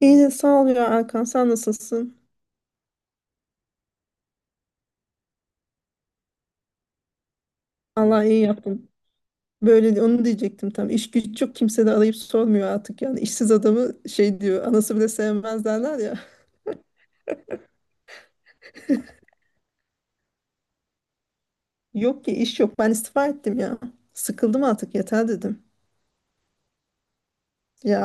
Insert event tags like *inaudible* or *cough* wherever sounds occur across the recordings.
İyi sağ ol ya Erkan, sen nasılsın? Allah iyi yaptın. Böyle onu diyecektim tam. İş güç yok, kimse de arayıp sormuyor artık yani. İşsiz adamı şey diyor, anası bile sevmez derler ya. *laughs* Yok ki, iş yok, ben istifa ettim ya. Sıkıldım artık, yeter dedim. Ya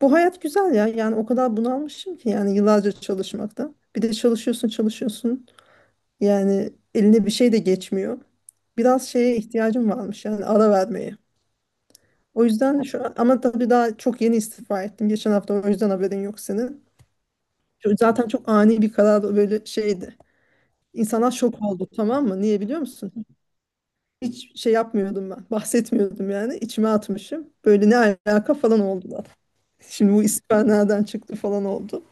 bu hayat güzel ya, yani o kadar bunalmışım ki yani yıllarca çalışmakta. Bir de çalışıyorsun çalışıyorsun, yani eline bir şey de geçmiyor. Biraz şeye ihtiyacım varmış yani, ara vermeye. O yüzden şu an, ama tabii daha çok yeni istifa ettim. Geçen hafta, o yüzden haberin yok senin. Çünkü zaten çok ani bir karar, böyle şeydi. İnsanlar şok oldu, tamam mı? Niye biliyor musun? Hiç şey yapmıyordum ben. Bahsetmiyordum yani. İçime atmışım. Böyle ne alaka falan oldular. Şimdi bu istifa nereden çıktı falan oldu.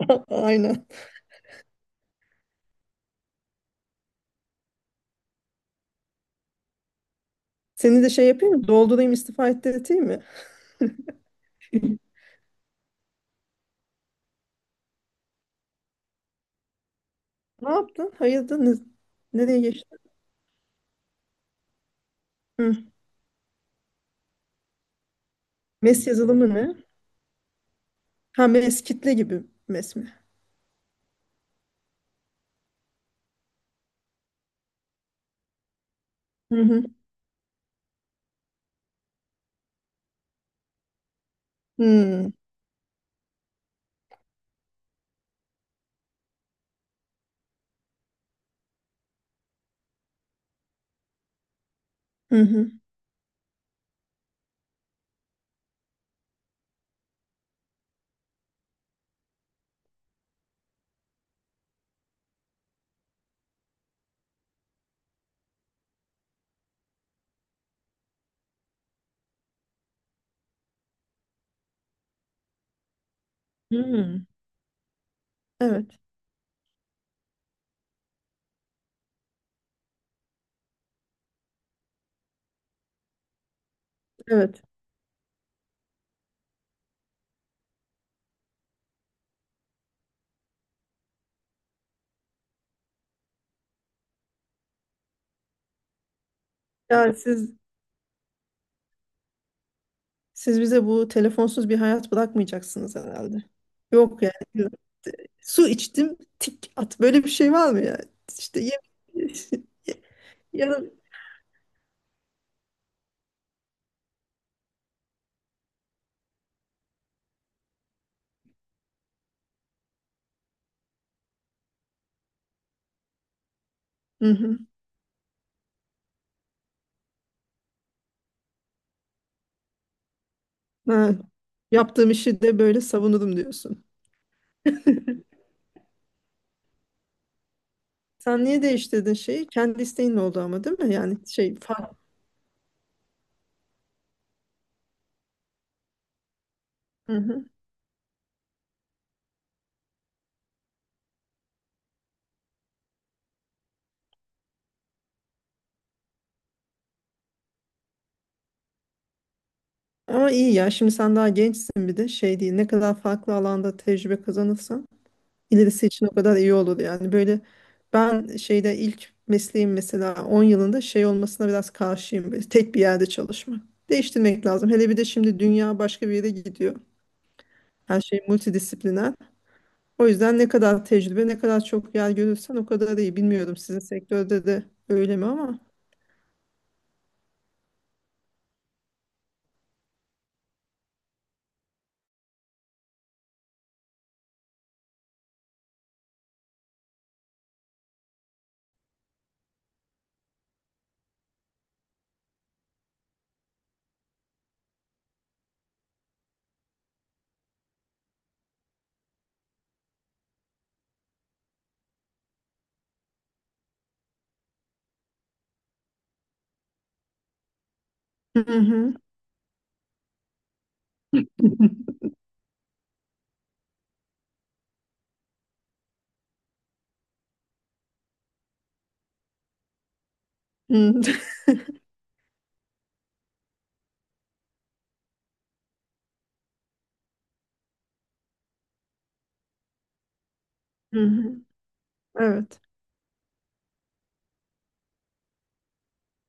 *laughs* Aynen. Seni de şey yapayım mı? Doldurayım, istifa ettirteyim mi? *laughs* Ne yaptın? Hayırdır? Nereye geçtin? Hı. MES yazılımı ne? Ha, MES kitle gibi MES mi? Hı hı. Hı. Hı hı. Hmm. Evet. Evet. Yani siz bize bu telefonsuz bir hayat bırakmayacaksınız herhalde. Yok yani. Su içtim, tik at. Böyle bir şey var mı ya? İşte ye *laughs* ya da. Hı hı. Ha, yaptığım işi de böyle savunurum diyorsun. Sen niye değiştirdin şeyi? Kendi isteğin oldu ama, değil mi? Yani şey fark. Hı hı. Ama iyi ya. Şimdi sen daha gençsin, bir de şey değil. Ne kadar farklı alanda tecrübe kazanırsan, ilerisi için o kadar iyi olur yani. Böyle ben şeyde, ilk mesleğim mesela, 10 yılında şey olmasına biraz karşıyım. Böyle tek bir yerde çalışmak. Değiştirmek lazım. Hele bir de şimdi dünya başka bir yere gidiyor. Her şey multidisipliner. O yüzden ne kadar tecrübe, ne kadar çok yer görürsen o kadar iyi. Bilmiyorum sizin sektörde de öyle mi ama. Hı hı. *laughs* Hı hı. Evet.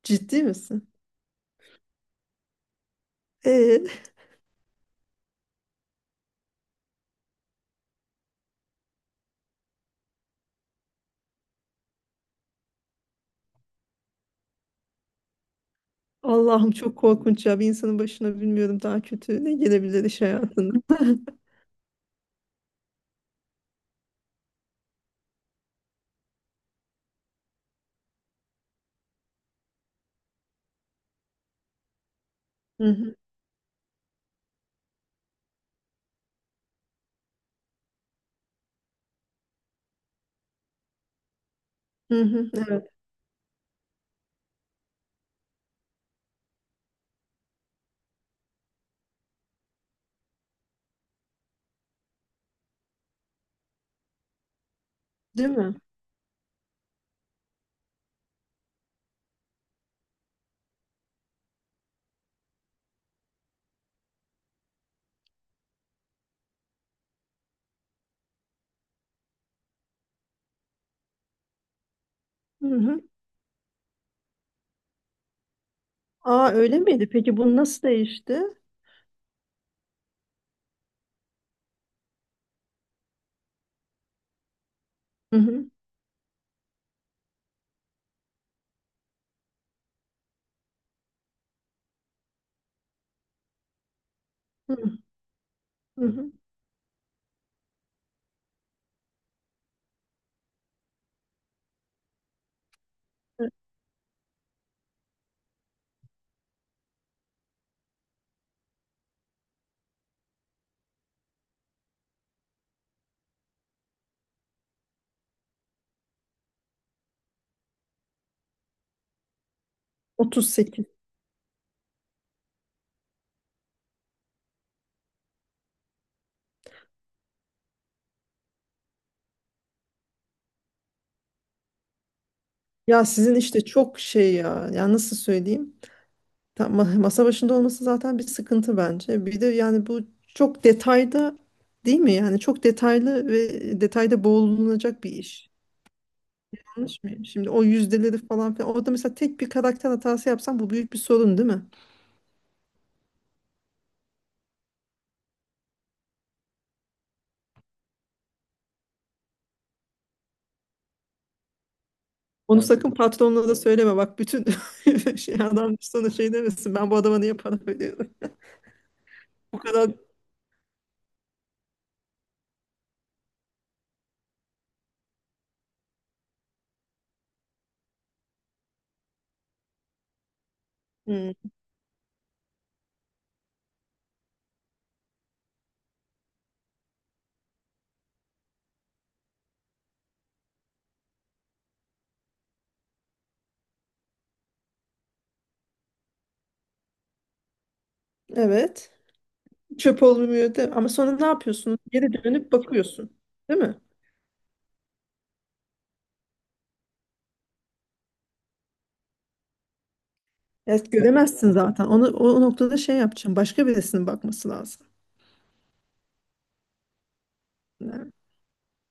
Ciddi misin? Ee, Allah'ım çok korkunç ya. Bir insanın başına bilmiyorum daha kötü ne gelebilir iş hayatında. *laughs* Hı hı, hı hı, evet, değil mi? Hı hı. Aa, öyle miydi? Peki bu nasıl değişti? Hı hı, hı hı, hı hı. Evet, 38. Ya sizin işte çok şey ya. Ya nasıl söyleyeyim? Tam, masa başında olması zaten bir sıkıntı bence. Bir de yani bu çok detayda, değil mi? Yani çok detaylı ve detayda boğulunacak bir iş. Yanlış mıyım? Şimdi o yüzdeleri falan filan. Orada mesela tek bir karakter hatası yapsan bu büyük bir sorun, değil mi? Onu, yani sakın patronuna da söyleme. Bak bütün *laughs* şey, adam sana şey demesin. Ben bu adama niye para veriyorum? Bu kadar. Hmm, evet. Çöp olmuyor de. Ama sonra ne yapıyorsun? Geri dönüp bakıyorsun. Değil mi? Evet, göremezsin zaten. Onu o noktada şey yapacaksın. Başka birisinin bakması lazım. Yani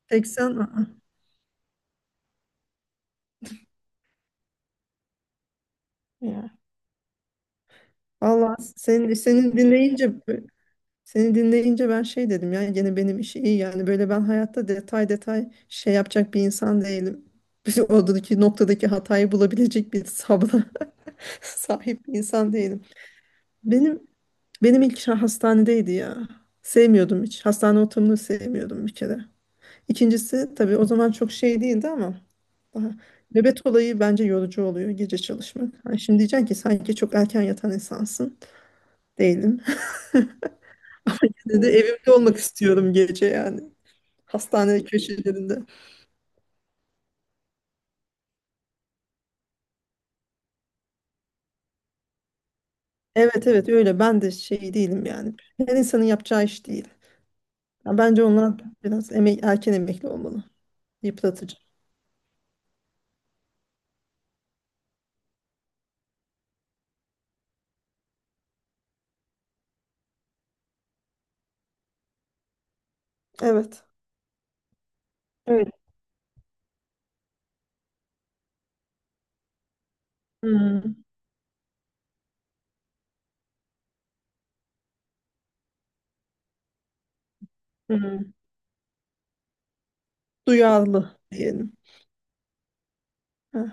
tek sen, aa. Ya. Vallahi senin dinleyince, seni dinleyince ben şey dedim ya, gene benim işi iyi, yani böyle ben hayatta detay detay şey yapacak bir insan değilim. *laughs* Oradaki noktadaki hatayı bulabilecek bir sabra *laughs* sahip bir insan değilim. Benim benim ilk işim hastanedeydi ya. Sevmiyordum hiç. Hastane ortamını sevmiyordum bir kere. İkincisi, tabii o zaman çok şey değildi ama daha, nöbet olayı bence yorucu oluyor, gece çalışmak. Ha, şimdi diyeceksin ki sanki çok erken yatan insansın. Değilim. *laughs* Yine de evimde olmak istiyorum gece yani. Hastane köşelerinde. Evet, evet, öyle. Ben de şey değilim yani. Her insanın yapacağı iş değil. Ya bence onlar biraz erken emekli olmalı. Yıpratıcı. Evet. Öyle. Hmm, hmm. Duyarlı diyelim. Heh.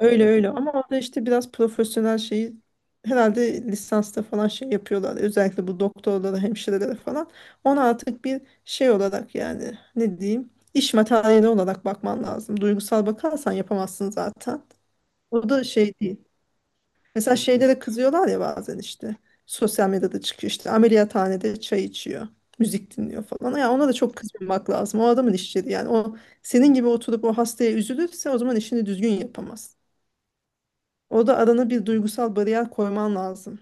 Öyle, öyle. Ama orada işte biraz profesyonel şeyi, herhalde lisansta falan şey yapıyorlar. Özellikle bu doktorlara, hemşirelere falan. Ona artık bir şey olarak, yani ne diyeyim? İş materyali olarak bakman lazım. Duygusal bakarsan yapamazsın zaten. O da şey değil. Mesela şeyde de kızıyorlar ya bazen, işte sosyal medyada çıkıyor, işte ameliyathanede çay içiyor. Müzik dinliyor falan. Ya ona da çok kızmamak lazım. O adamın işçiliği yani. O senin gibi oturup o hastaya üzülürse o zaman işini düzgün yapamaz. Orada arana bir duygusal bariyer koyman lazım.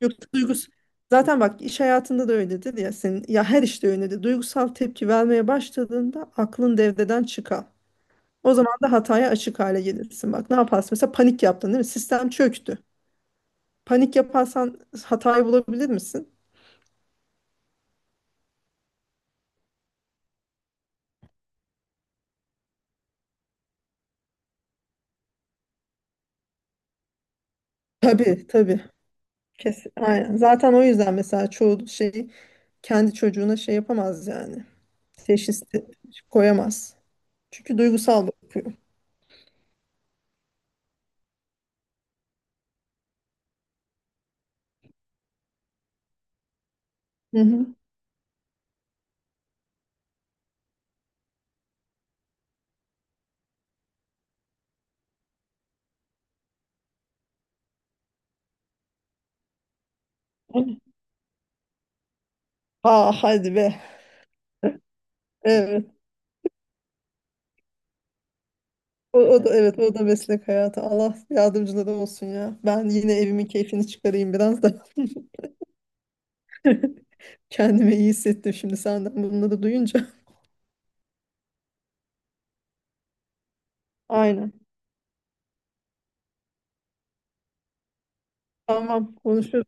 Yoksa zaten bak, iş hayatında da öyledir ya senin, ya her işte öyledir. Duygusal tepki vermeye başladığında aklın devreden çıkar. O zaman da hataya açık hale gelirsin. Bak, ne yaparsın? Mesela panik yaptın, değil mi? Sistem çöktü. Panik yaparsan hatayı bulabilir misin? Tabii, tabii. Kesin. Aynen. Zaten o yüzden mesela çoğu şey, kendi çocuğuna şey yapamaz yani. Teşhis koyamaz. Çünkü duygusal bakıyor. Hı hı. Aa, hadi be. Evet. O da evet, o da meslek hayatı. Allah yardımcıları olsun ya. Ben yine evimin keyfini çıkarayım biraz da. *laughs* Kendimi iyi hissettim şimdi senden bunları duyunca. Aynen. Tamam, konuşuruz.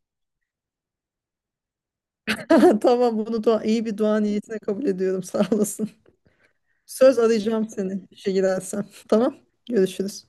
*laughs* Tamam, bunu dua, iyi bir dua niyetine kabul ediyorum. Sağ olasın. Söz, arayacağım seni işe girersem. Tamam. Görüşürüz.